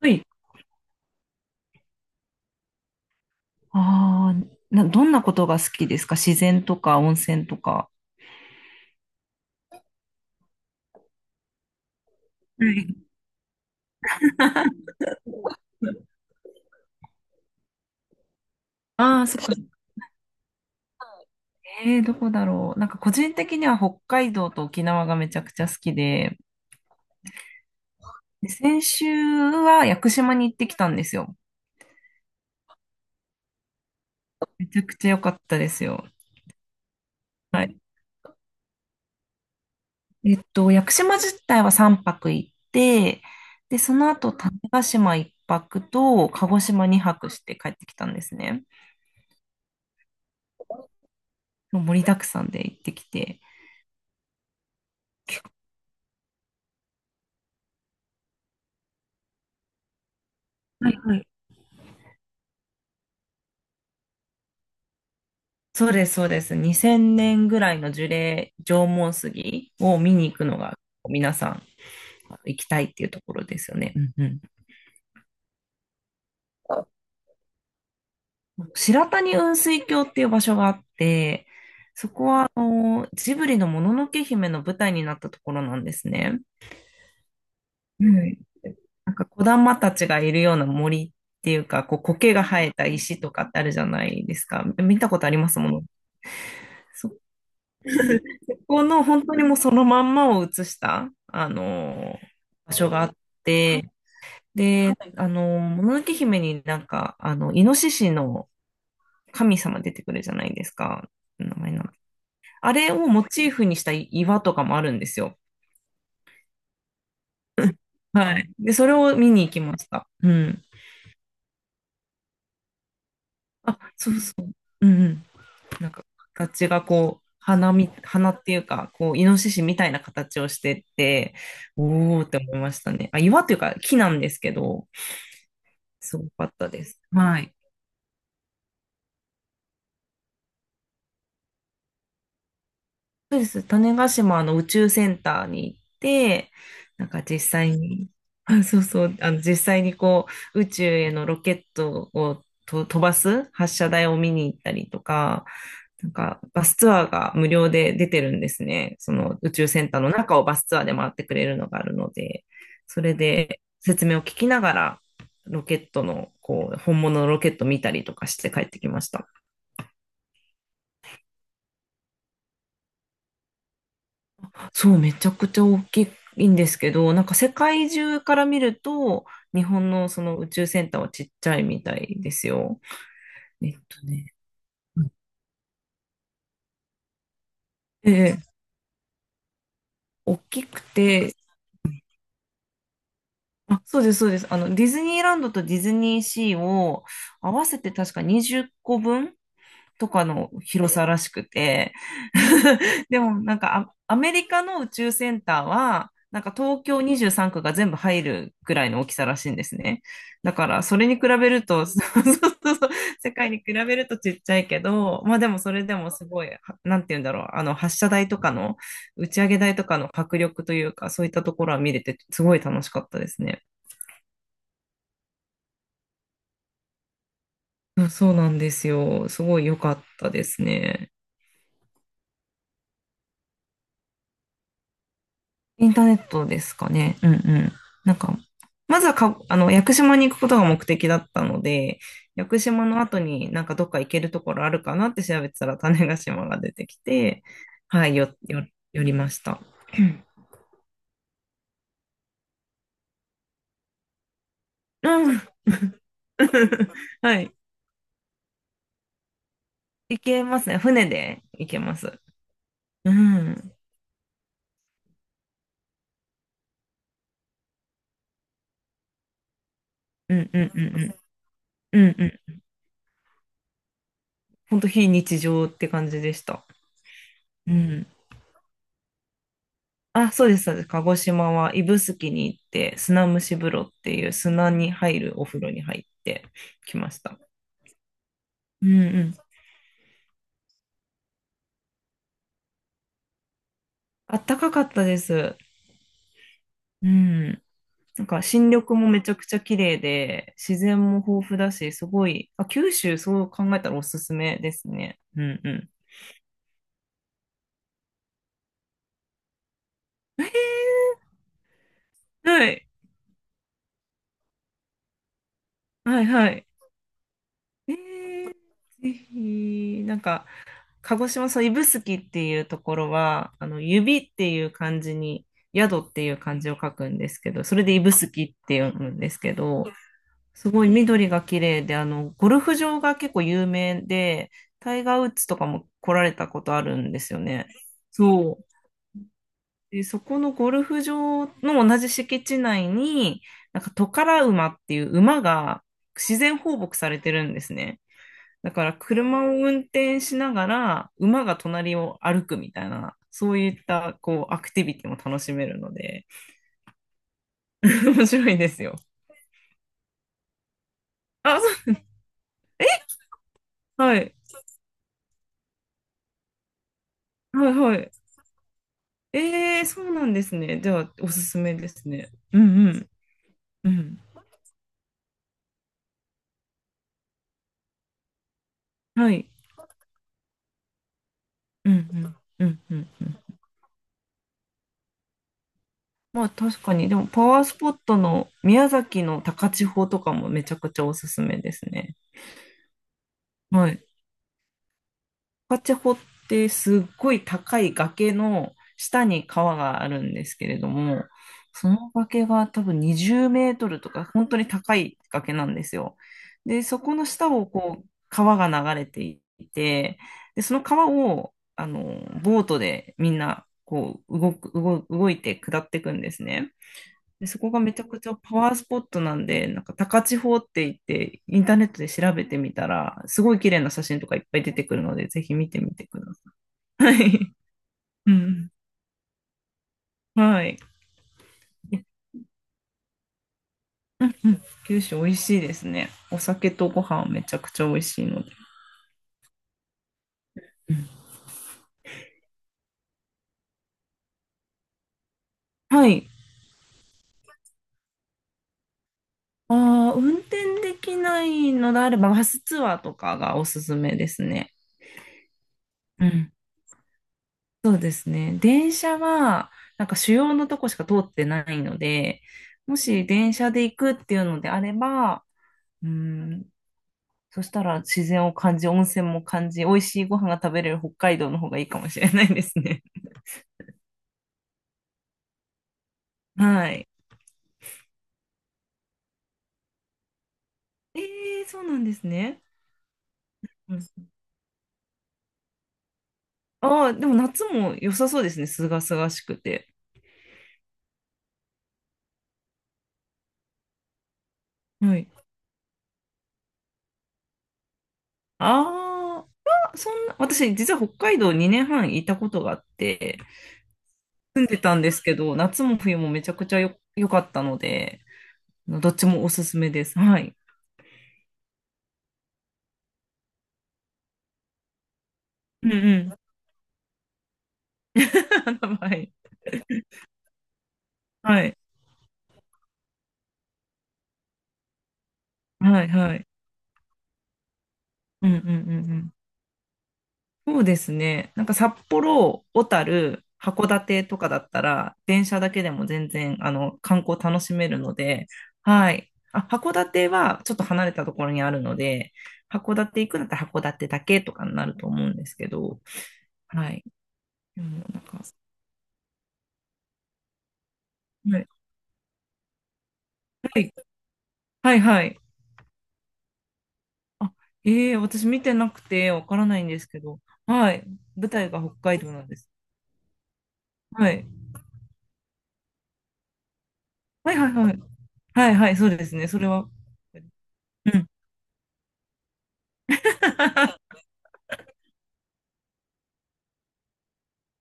はい。ああ、どんなことが好きですか？自然とか温泉とか。はい。ああ、そっか。どこだろう。なんか個人的には北海道と沖縄がめちゃくちゃ好きで、で先週は屋久島に行ってきたんですよ。めちゃくちゃ良かったですよ。はい。屋久島自体は3泊行って、で、その後種子島1泊と鹿児島2泊して帰ってきたんですね。もう盛りだくさんで行ってきて、結構はいはい、そうです、そうです。2000年ぐらいの樹齢、縄文杉を見に行くのが、皆さん行きたいっていうところですよね。うんうん。白谷雲水峡っていう場所があって、そこはあのジブリのもののけ姫の舞台になったところなんですね。うん。なんか子玉たちがいるような森っていうか、こう苔が生えた石とかってあるじゃないですか。見たことありますもの。この本当にもうそのまんまを写した、場所があって、で、もののけ姫になんか、あの、イノシシの神様出てくるじゃないですか。名前なあれをモチーフにした岩とかもあるんですよ。はい。で、それを見に行きました。うん。あ、そうそう。うんうん。なんか、形がこう、花み、花っていうか、こう、イノシシみたいな形をしてて、おーって思いましたね。あ、岩というか木なんですけど、すごかったです。はい。そうです。種子島の宇宙センターに行って、なんか実際に、あ、そうそう、あの実際にこう、宇宙へのロケットを飛ばす発射台を見に行ったりとか、なんかバスツアーが無料で出てるんですね。その宇宙センターの中をバスツアーで回ってくれるのがあるので、それで説明を聞きながら、ロケットの、こう、本物のロケット見たりとかして帰ってきました。そう、めちゃくちゃ大きいんですけど、なんか世界中から見ると、日本のその宇宙センターはちっちゃいみたいですよ。えっとね。ええ、大きくて、あ、そうです、そうです。あの、ディズニーランドとディズニーシーを合わせて確か20個分とかの広さらしくて、でもなんかアメリカの宇宙センターは、なんか東京23区が全部入るぐらいの大きさらしいんですね。だからそれに比べると、そうそうそうそう、世界に比べるとちっちゃいけど、まあでもそれでもすごい、なんて言うんだろう、あの発射台とかの、打ち上げ台とかの迫力というか、そういったところは見れてすごい楽しかったですね。そうそうなんですよ。すごい良かったですね。インターネットですかね。うんうん。なんか、まずはか、あの、屋久島に行くことが目的だったので、屋久島の後になんかどっか行けるところあるかなって調べてたら種子島が出てきて、はい、寄りました。うん。うん。 はい。行けますね。船で行けます。うん。うんうんうんうん。うんうん。ほんと非日常って感じでした。うん。あ、そうです、そうです。鹿児島は指宿に行って、砂蒸し風呂っていう砂に入るお風呂に入ってきました。うんうん。あったかかったです。うん。なんか新緑もめちゃくちゃ綺麗で、自然も豊富だし、すごい、あ、九州そう考えたらおすすめですね。うんうん。はい、はい、はい。えー、ぜひ、なんか、鹿児島、そう、指宿っていうところは、あの、指っていう漢字に、宿っていう漢字を書くんですけど、それで指宿って読むんですけど、すごい緑が綺麗で、あの、ゴルフ場が結構有名で、タイガー・ウッズとかも来られたことあるんですよね。そう。で、そこのゴルフ場の同じ敷地内に、なんかトカラ馬っていう馬が自然放牧されてるんですね。だから車を運転しながら馬が隣を歩くみたいな、そういったこうアクティビティも楽しめるので、面白いですよ。あ、そう、えはい、はい、はい。えーそうなんですね。じゃあ、おすすめですね。うんうん、うん。はい。うんうん、うん、うん、うん。まあ確かに、でもパワースポットの宮崎の高千穂とかもめちゃくちゃおすすめですね。はい。パチェホってすっごい高い崖の下に川があるんですけれども、その崖が多分20メートルとか本当に高い崖なんですよ。で、そこの下をこう川が流れていて、で、その川をあのボートでみんなこう動く、動、動いて下っていくんですね。で、そこがめちゃくちゃパワースポットなんで、なんか高千穂って言って、インターネットで調べてみたら、すごい綺麗な写真とかいっぱい出てくるので、ぜひ見てみてください。はい。うん。はい。うんうん、九州美味しいですね。お酒とご飯めちゃくちゃ美味しいので。うんはい。ああ、運転できないのであれば、バスツアーとかがおすすめですね。うん、そうですね。電車は、なんか主要のとこしか通ってないので、もし電車で行くっていうのであれば、うん、そしたら自然を感じ、温泉も感じ、美味しいご飯が食べれる北海道の方がいいかもしれないですね。はい。えそうなんですね。うん、ああ、でも夏も良さそうですね。すがすがしくて。はい。あーそんな、私実は北海道2年半いたことがあって、たんですけど、夏も冬もめちゃくちゃ良かったので、どっちもおすすめです。はい。うんうん。はい。はい。はいはい。うんうんうんうん。そうですね。なんか札幌、小樽、函館とかだったら、電車だけでも全然、あの、観光楽しめるので、はい。あ、函館はちょっと離れたところにあるので、函館行くんだったら函館だけとかになると思うんですけど、はい。でもなんか、はい。はい。はいはい、あ、ええ私見てなくてわからないんですけど。はい。舞台が北海道なんです。はい。はいはいはい。はいはい、そうですね。それは。うん。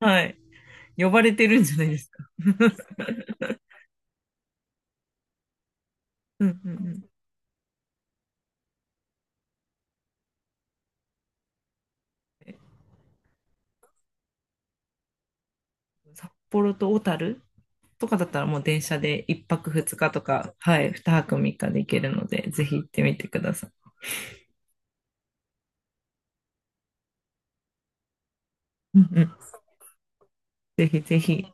はい。呼ばれてるんじゃないですか。うんうんうん。札幌と小樽とかだったらもう電車で1泊2日とか、はい、2泊3日で行けるので、ぜひ行ってみてください。うんうん。ぜひぜひ。